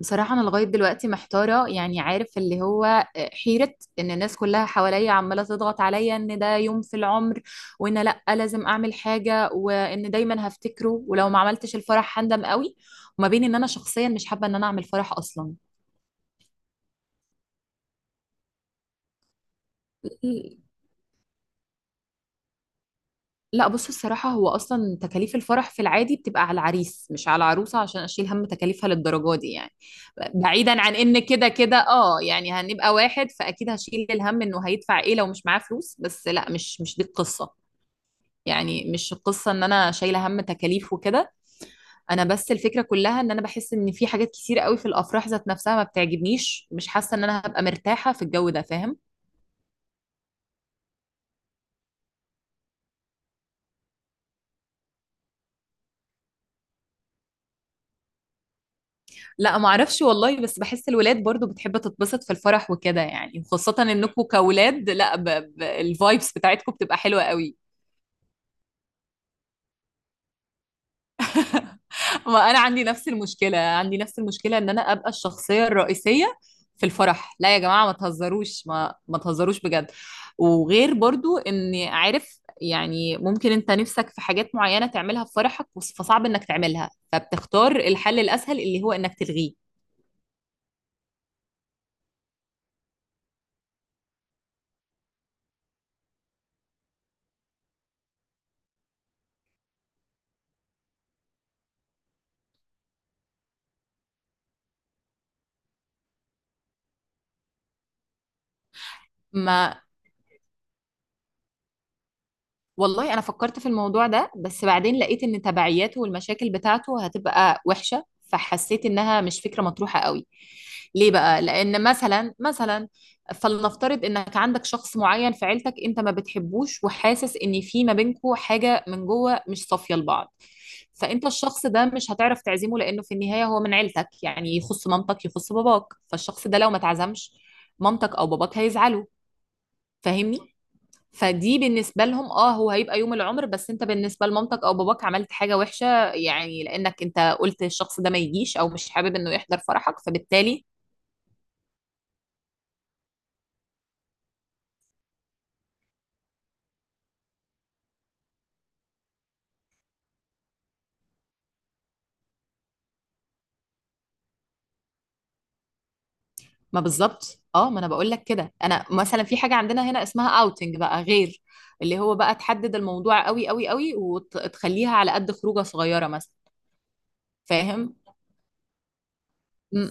بصراحة أنا لغاية دلوقتي محتارة، يعني عارف اللي هو حيرة إن الناس كلها حواليا عمالة تضغط عليا إن ده يوم في العمر، وإن لأ لازم أعمل حاجة، وإن دايما هفتكره ولو ما عملتش الفرح هندم قوي. وما بين إن أنا شخصيا مش حابة إن أنا أعمل فرح أصلا. لا، بص، الصراحة هو أصلا تكاليف الفرح في العادي بتبقى على العريس مش على العروسة، عشان أشيل هم تكاليفها للدرجة دي يعني. بعيدا عن إن كده كده يعني هنبقى واحد، فأكيد هشيل الهم إنه هيدفع إيه لو مش معاه فلوس، بس لا، مش دي القصة. يعني مش القصة إن أنا شايلة هم تكاليف وكده. أنا بس الفكرة كلها إن أنا بحس إن في حاجات كتير قوي في الأفراح ذات نفسها ما بتعجبنيش، مش حاسة إن أنا هبقى مرتاحة في الجو ده، فاهم؟ لا ما اعرفش والله، بس بحس الولاد برضو بتحب تتبسط في الفرح وكده يعني، وخاصة انكم كولاد. لا، الفايبس بتاعتكم بتبقى حلوة قوي. ما انا عندي نفس المشكلة، عندي نفس المشكلة ان انا ابقى الشخصية الرئيسية في الفرح. لا يا جماعة ما تهزروش، ما تهزروش بجد. وغير برضو اني عارف يعني ممكن انت نفسك في حاجات معينة تعملها في فرحك، فصعب انك تعملها فبتختار الحل الاسهل اللي هو انك تلغيه. ما والله انا فكرت في الموضوع ده، بس بعدين لقيت ان تبعياته والمشاكل بتاعته هتبقى وحشة، فحسيت انها مش فكرة مطروحة قوي. ليه بقى؟ لان مثلا، فلنفترض انك عندك شخص معين في عيلتك انت ما بتحبوش وحاسس ان في ما بينكوا حاجة من جوه مش صافية لبعض. فانت الشخص ده مش هتعرف تعزمه، لانه في النهاية هو من عيلتك يعني، يخص مامتك يخص باباك. فالشخص ده لو ما تعزمش مامتك او باباك هيزعلوا، فاهمني؟ فدي بالنسبة لهم اه هو هيبقى يوم العمر، بس انت بالنسبة لمامتك او باباك عملت حاجة وحشة، يعني لانك انت قلت الشخص ده ما يجيش او مش حابب انه يحضر فرحك، فبالتالي... ما بالظبط اه، ما انا بقول لك كده. انا مثلا في حاجة عندنا هنا اسمها اوتنج بقى، غير اللي هو بقى تحدد الموضوع قوي قوي قوي وتخليها على قد خروجة صغيرة مثلا. فاهم؟ م-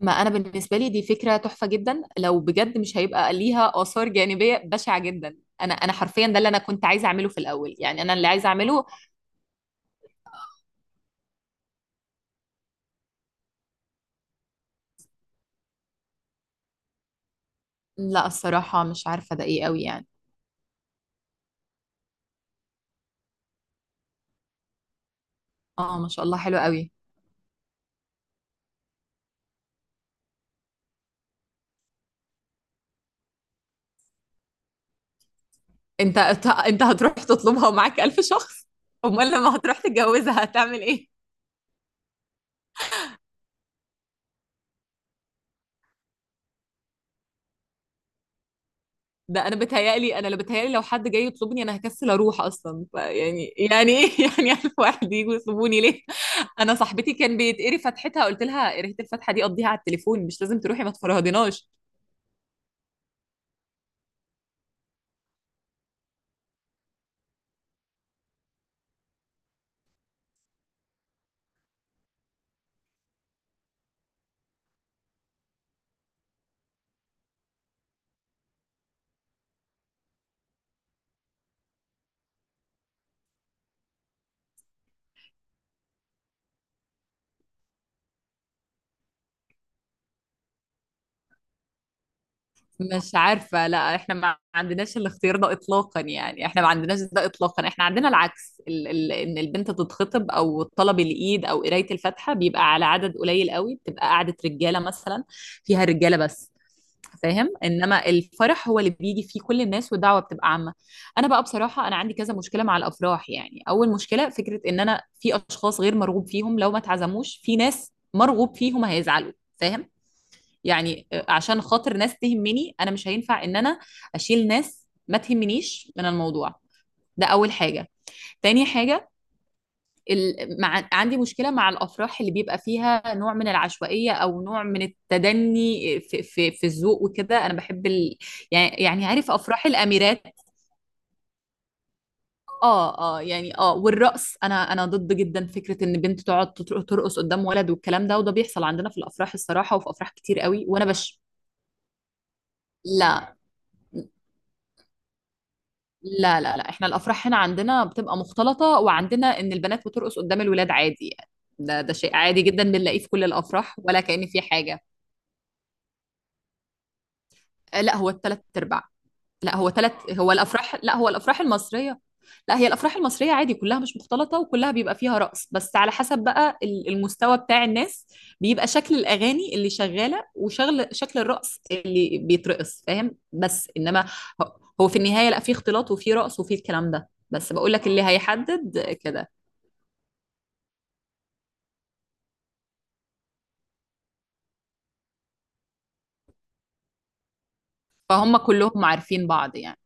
ما انا بالنسبة لي دي فكرة تحفة جدا، لو بجد مش هيبقى ليها آثار جانبية بشعة جدا. انا حرفيا ده اللي انا كنت عايزه اعمله في الاول، يعني انا اللي عايزه اعمله. لا الصراحة مش عارفة ده ايه قوي يعني. اه، ما شاء الله حلو قوي. انت انت أنت هتروح تطلبها ومعاك ألف شخص؟ امال لما هتروح تتجوزها هتعمل ايه؟ ده انا بتهيألي، انا لو بتهيألي لو حد جاي يطلبني انا هكسل اروح اصلا، فيعني ايه يعني ألف واحد يجوا يطلبوني ليه؟ انا صاحبتي كان بيتقري فتحتها قلت لها قريت الفتحة دي قضيها على التليفون، مش لازم تروحي ما تفرهدناش. مش عارفة، لا احنا ما عندناش الاختيار ده اطلاقا يعني، احنا ما عندناش ده اطلاقا. احنا عندنا العكس، ال ال ان البنت تتخطب او طلب الايد او قراية الفاتحة بيبقى على عدد قليل قوي، بتبقى قعدة رجالة مثلا فيها رجالة بس، فاهم؟ انما الفرح هو اللي بيجي فيه كل الناس والدعوة بتبقى عامة. انا بقى بصراحة انا عندي كذا مشكلة مع الافراح. يعني اول مشكلة فكرة ان انا في اشخاص غير مرغوب فيهم لو ما اتعزموش، في ناس مرغوب فيهم هيزعلوا، فاهم؟ يعني عشان خاطر ناس تهمني انا مش هينفع ان انا اشيل ناس ما تهمنيش من الموضوع. ده اول حاجه. تاني حاجه، ال... عندي مشكله مع الافراح اللي بيبقى فيها نوع من العشوائيه او نوع من التدني في الذوق وكده. انا بحب يعني عارف افراح الاميرات. اه اه يعني اه، والرقص. انا ضد جدا فكره ان بنت تقعد ترقص قدام ولد والكلام ده، وده بيحصل عندنا في الافراح الصراحه، وفي افراح كتير قوي، وانا بش... لا لا لا لا، احنا الافراح هنا عندنا بتبقى مختلطه، وعندنا ان البنات بترقص قدام الولاد عادي يعني. ده شيء عادي جدا بنلاقيه في كل الافراح ولا كأن في حاجه. لا هو الثلاث ارباع. لا هو ثلاث، هو الافراح لا هو الافراح المصريه، لا هي الافراح المصريه عادي كلها مش مختلطه، وكلها بيبقى فيها رقص بس على حسب بقى المستوى بتاع الناس، بيبقى شكل الاغاني اللي شغاله وشغل شكل الرقص اللي بيترقص، فاهم؟ بس انما هو في النهايه لا في اختلاط وفي رقص وفي الكلام ده، بس بقول لك اللي هيحدد كده. فهم كلهم عارفين بعض يعني.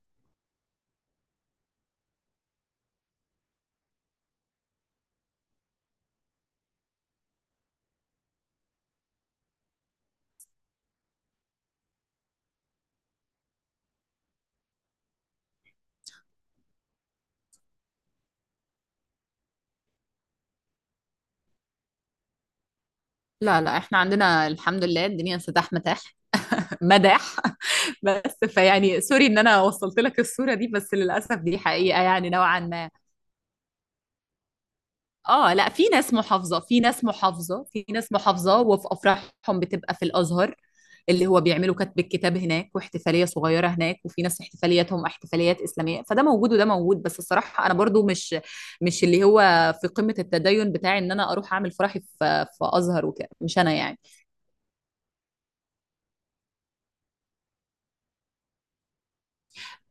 لا لا، احنا عندنا الحمد لله الدنيا سداح متاح، مداح بس فيعني سوري ان انا وصلت لك الصورة دي، بس للأسف دي حقيقة يعني نوعا ما. اه، لا في ناس محافظة، وفي أفراحهم بتبقى في الأزهر، اللي هو بيعملوا كتب الكتاب هناك واحتفالية صغيرة هناك. وفي ناس احتفالياتهم احتفاليات إسلامية، فده موجود وده موجود. بس الصراحة أنا برضو مش مش اللي هو في قمة التدين بتاعي إن أنا أروح أعمل فرحي في أزهر وكده، مش أنا يعني.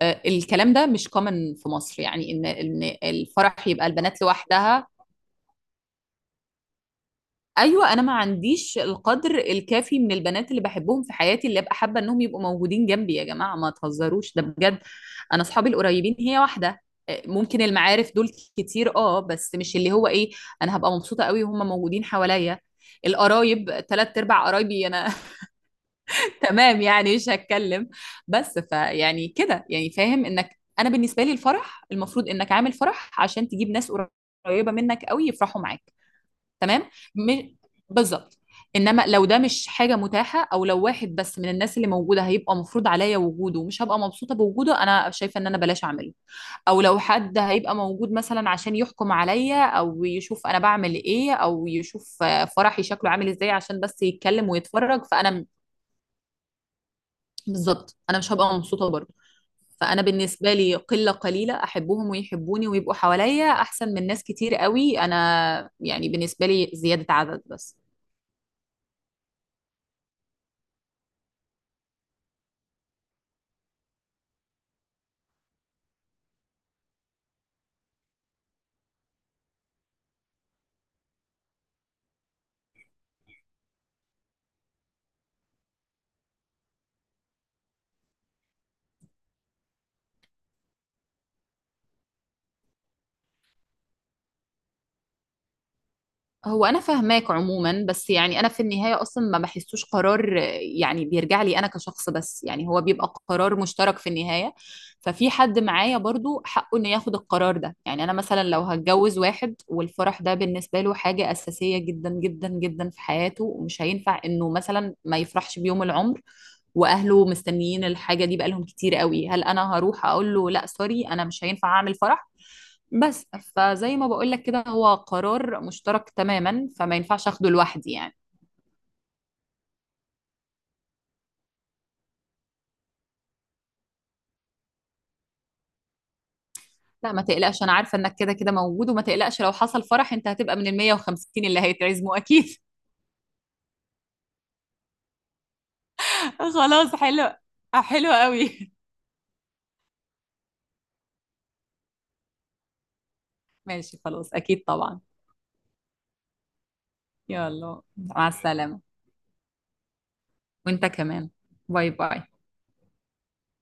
الكلام ده مش كومن في مصر يعني ان الفرح يبقى البنات لوحدها. ايوه، انا ما عنديش القدر الكافي من البنات اللي بحبهم في حياتي اللي ابقى حابه انهم يبقوا موجودين جنبي. يا جماعه ما تهزروش ده بجد. انا اصحابي القريبين هي واحده. ممكن المعارف دول كتير، اه، بس مش اللي هو ايه، انا هبقى مبسوطه قوي وهم موجودين حواليا. القرايب ثلاث ارباع قرايبي انا، تمام؟ يعني مش هتكلم. بس فيعني كده يعني، فاهم انك انا بالنسبه لي الفرح المفروض انك عامل فرح عشان تجيب ناس قريبه منك قوي يفرحوا معاك. تمام، م... بالظبط. انما لو ده مش حاجه متاحه، او لو واحد بس من الناس اللي موجوده هيبقى مفروض عليا وجوده، ومش هبقى مبسوطه بوجوده، انا شايفه ان انا بلاش اعمله. او لو حد هيبقى موجود مثلا عشان يحكم عليا او يشوف انا بعمل ايه او يشوف فرحي شكله عامل ازاي عشان بس يتكلم ويتفرج، فانا بالظبط انا مش هبقى مبسوطه برضه. فانا بالنسبه لي قله قليله احبهم ويحبوني ويبقوا حواليا احسن من ناس كتير قوي، انا يعني بالنسبه لي زياده عدد بس. هو انا فاهماك عموما، بس يعني انا في النهايه اصلا ما بحسوش قرار يعني بيرجع لي انا كشخص بس، يعني هو بيبقى قرار مشترك في النهايه. ففي حد معايا برضو حقه انه ياخد القرار ده. يعني انا مثلا لو هتجوز واحد والفرح ده بالنسبه له حاجه اساسيه جدا جدا جدا في حياته، ومش هينفع انه مثلا ما يفرحش بيوم العمر، واهله مستنيين الحاجه دي بقالهم كتير قوي، هل انا هروح اقول له لا سوري انا مش هينفع اعمل فرح؟ بس... فزي ما بقول لك كده، هو قرار مشترك تماما، فما ينفعش اخده لوحدي يعني. لا ما تقلقش، انا عارفه انك كده كده موجود، وما تقلقش لو حصل فرح انت هتبقى من ال 150 اللي هيتعزموا اكيد. خلاص حلو، حلو قوي. ماشي خلاص اكيد طبعا. يلا مع السلامه. وانت كمان. باي باي.